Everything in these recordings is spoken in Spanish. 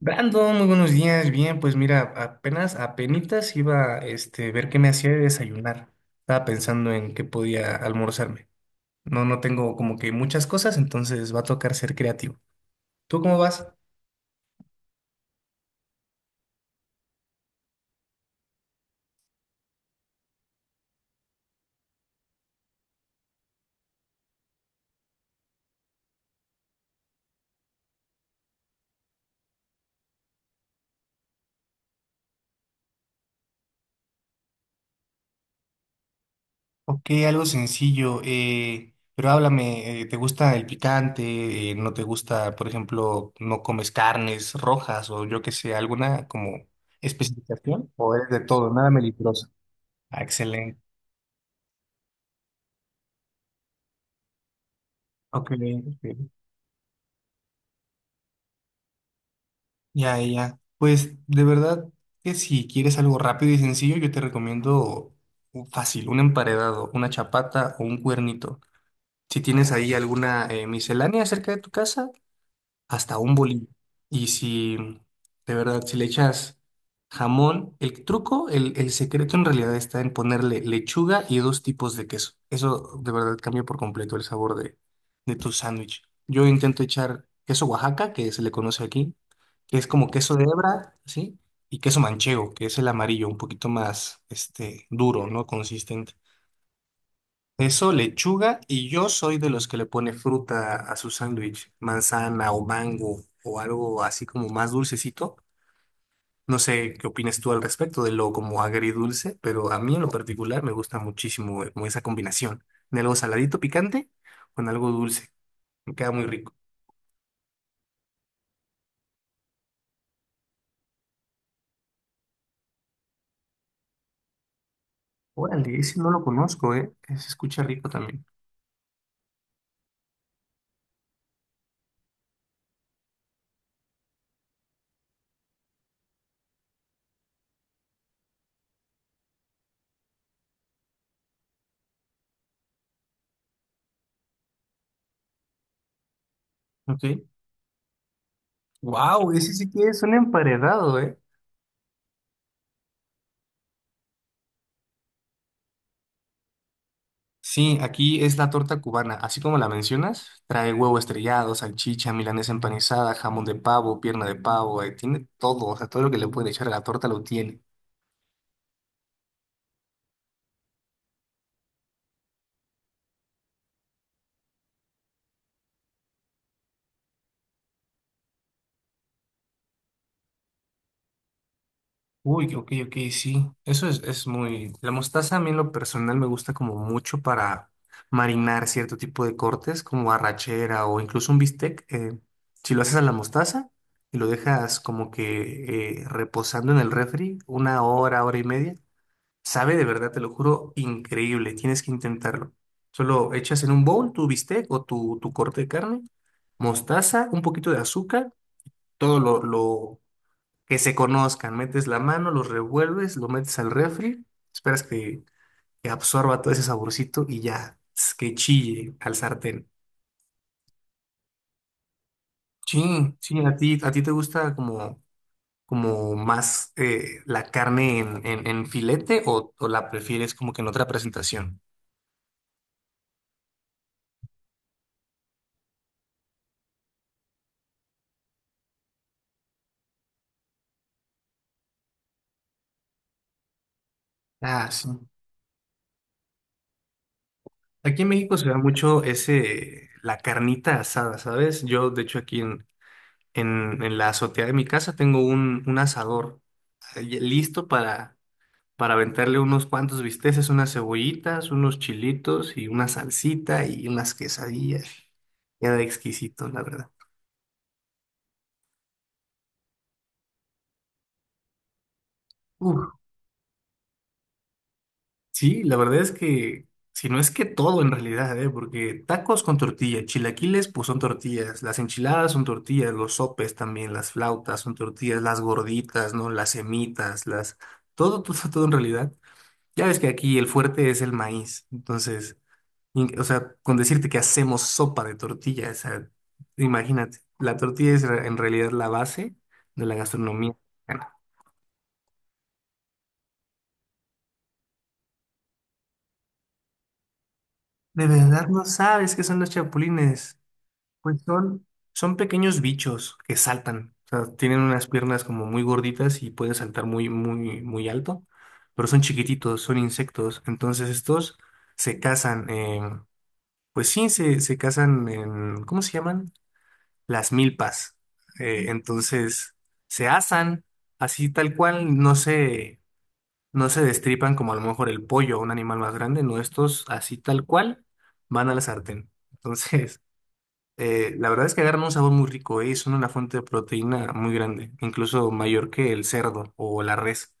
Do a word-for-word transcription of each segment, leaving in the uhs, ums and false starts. Brandon, muy buenos días. Bien, pues mira, apenas, apenitas iba este, ver qué me hacía de desayunar. Estaba pensando en qué podía almorzarme. No, no tengo como que muchas cosas, entonces va a tocar ser creativo. ¿Tú cómo vas? Ok, algo sencillo, eh, pero háblame, eh, ¿te gusta el picante? Eh, ¿no te gusta, por ejemplo, no comes carnes rojas o yo qué sé, alguna como especificación? ¿O eres de todo, nada meliflosa? Ah, excelente. Ok, ok. Ya, ya. Pues de verdad que si quieres algo rápido y sencillo, yo te recomiendo un- fácil, un emparedado, una chapata o un cuernito. Si tienes ahí alguna eh, miscelánea cerca de tu casa, hasta un bolillo. Y si, de verdad, si le echas jamón, el truco, el, el secreto en realidad está en ponerle lechuga y dos tipos de queso. Eso de verdad cambia por completo el sabor de, de tu sándwich. Yo intento echar queso Oaxaca, que se le conoce aquí, que es como queso de hebra, ¿sí? Y queso manchego, que es el amarillo, un poquito más, este, duro, ¿no? Consistente. Eso, lechuga, y yo soy de los que le pone fruta a su sándwich, manzana o mango o algo así como más dulcecito. No sé qué opinas tú al respecto de lo como agridulce, pero a mí en lo particular me gusta muchísimo eh, como esa combinación de algo saladito picante con algo dulce. Me queda muy rico. Órale, ese no lo conozco, ¿eh? Se escucha rico también. Ok. Wow, ese sí que es un emparedado, ¿eh? Sí, aquí es la torta cubana, así como la mencionas, trae huevo estrellado, salchicha, milanesa empanizada, jamón de pavo, pierna de pavo, eh, tiene todo, o sea, todo lo que le pueden echar a la torta lo tiene. Uy, ok, ok, sí, eso es, es muy... La mostaza a mí en lo personal me gusta como mucho para marinar cierto tipo de cortes, como arrachera o incluso un bistec. Eh, si lo haces a la mostaza y lo dejas como que eh, reposando en el refri una hora, hora y media, sabe de verdad, te lo juro, increíble. Tienes que intentarlo. Solo echas en un bowl tu bistec o tu, tu corte de carne, mostaza, un poquito de azúcar, todo lo, lo que se conozcan. Metes la mano, los revuelves, lo metes al refri, esperas que, que absorba todo ese saborcito y ya, tss, que chille al sartén. Sí, sí, a ti, a ti te gusta como, como más eh, la carne en, en, en filete o, o la prefieres como que en otra presentación. Ah, sí. Aquí en México se da mucho ese, la carnita asada, ¿sabes? Yo, de hecho, aquí en, en, en la azotea de mi casa tengo un, un asador eh, listo para, para aventarle unos cuantos bisteces, unas cebollitas, unos chilitos y una salsita y unas quesadillas. Queda exquisito, la verdad. Sí, la verdad es que, si no es que todo en realidad, ¿eh? Porque tacos con tortilla, chilaquiles pues son tortillas, las enchiladas son tortillas, los sopes también, las flautas son tortillas, las gorditas, ¿no? Las semitas, las... Todo, todo, todo en realidad. Ya ves que aquí el fuerte es el maíz, entonces, in- o sea, con decirte que hacemos sopa de tortilla, o sea, imagínate, la tortilla es re- en realidad la base de la gastronomía mexicana. De verdad no sabes qué son los chapulines. Pues son, son pequeños bichos que saltan. O sea, tienen unas piernas como muy gorditas y pueden saltar muy, muy, muy alto, pero son chiquititos, son insectos. Entonces estos se cazan, eh, pues sí, se, se cazan en, ¿cómo se llaman? Las milpas. Eh, entonces se asan así tal cual, no se, no se destripan como a lo mejor el pollo o un animal más grande, no, estos así tal cual van a la sartén. Entonces... Eh, la verdad es que agarran un sabor muy rico, eh, y son una fuente de proteína muy grande, incluso mayor que el cerdo o la res.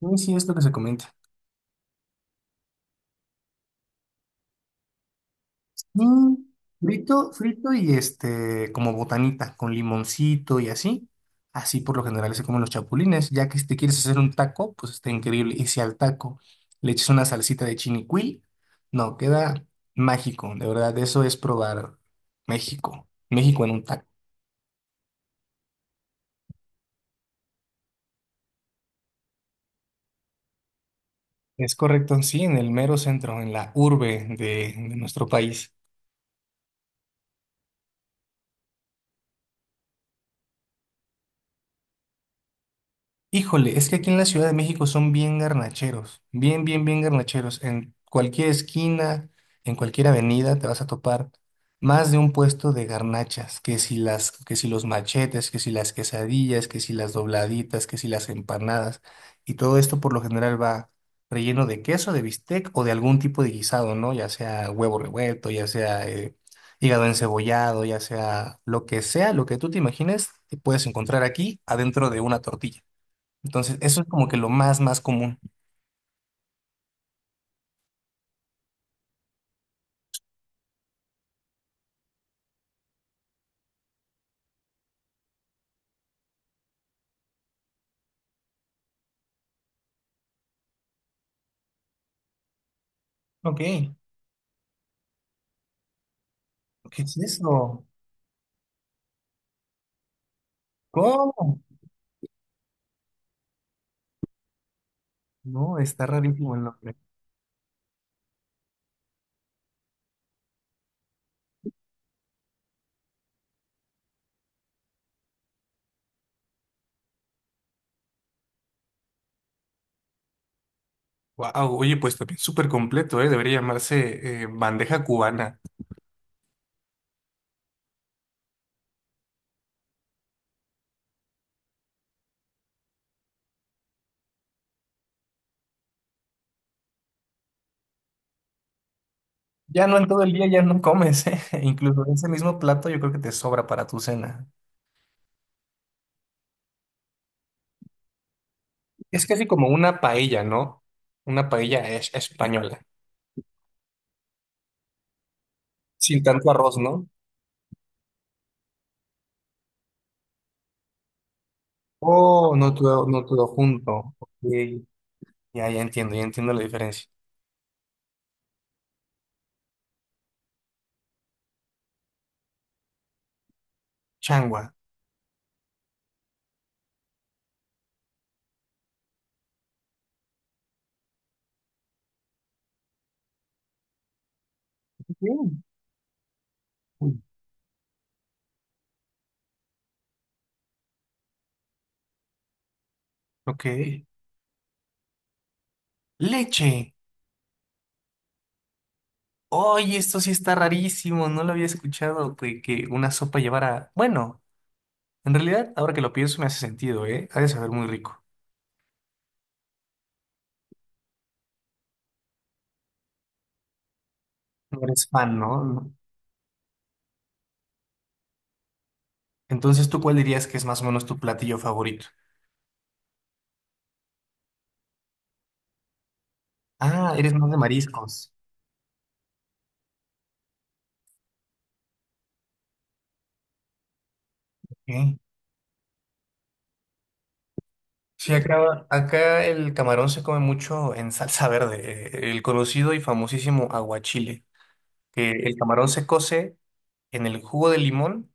Sí, sí, es lo que se comenta. Mm, frito, frito y este, como botanita, con limoncito y así. Así por lo general se comen los chapulines, ya que si te quieres hacer un taco, pues está increíble. Y si al taco le echas una salsita de chinicuil, no, queda mágico, de verdad, eso es probar México, México en un taco. Es correcto, sí, en el mero centro, en la urbe de, de nuestro país. Híjole, es que aquí en la Ciudad de México son bien garnacheros, bien, bien, bien garnacheros. En cualquier esquina, en cualquier avenida te vas a topar más de un puesto de garnachas, que si las, que si los machetes, que si las quesadillas, que si las dobladitas, que si las empanadas. Y todo esto por lo general va relleno de queso, de bistec o de algún tipo de guisado, ¿no? Ya sea huevo revuelto, ya sea eh, hígado encebollado, ya sea lo que sea, lo que tú te imagines, te puedes encontrar aquí adentro de una tortilla. Entonces, eso es como que lo más, más común. Ok, ¿qué es eso? ¿Cómo? No, está rarísimo el nombre. Wow, oye, pues también súper completo, ¿eh? Debería llamarse eh, bandeja cubana. Ya no en todo el día ya no comes, ¿eh? Incluso ese mismo plato yo creo que te sobra para tu cena. Es casi como una paella, ¿no? Una paella es- española. Sin tanto arroz, ¿no? Oh, no todo, no todo junto. Ok. Sí. Ya, ya entiendo, ya entiendo la diferencia. Changua. Bien. Uy, ok. Leche. Oye, esto sí está rarísimo. No lo había escuchado de que una sopa llevara. Bueno, en realidad, ahora que lo pienso, me hace sentido, ¿eh? Ha de saber muy rico. No eres fan, ¿no? No. Entonces, ¿tú cuál dirías que es más o menos tu platillo favorito? Ah, eres más de mariscos. Ok. Sí, acá, acá el camarón se come mucho en salsa verde, eh, el conocido y famosísimo aguachile, que el camarón se cose en el jugo de limón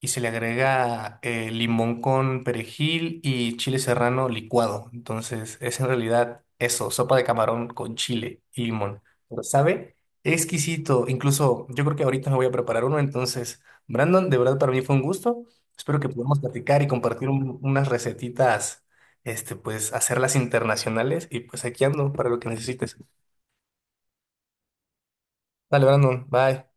y se le agrega eh, limón con perejil y chile serrano licuado. Entonces es en realidad eso, sopa de camarón con chile y limón. Pero sabe exquisito. Incluso yo creo que ahorita me voy a preparar uno. Entonces, Brandon, de verdad para mí fue un gusto. Espero que podamos platicar y compartir un- unas recetitas, este, pues hacerlas internacionales y pues aquí ando para lo que necesites. Dale, Brandon, bye.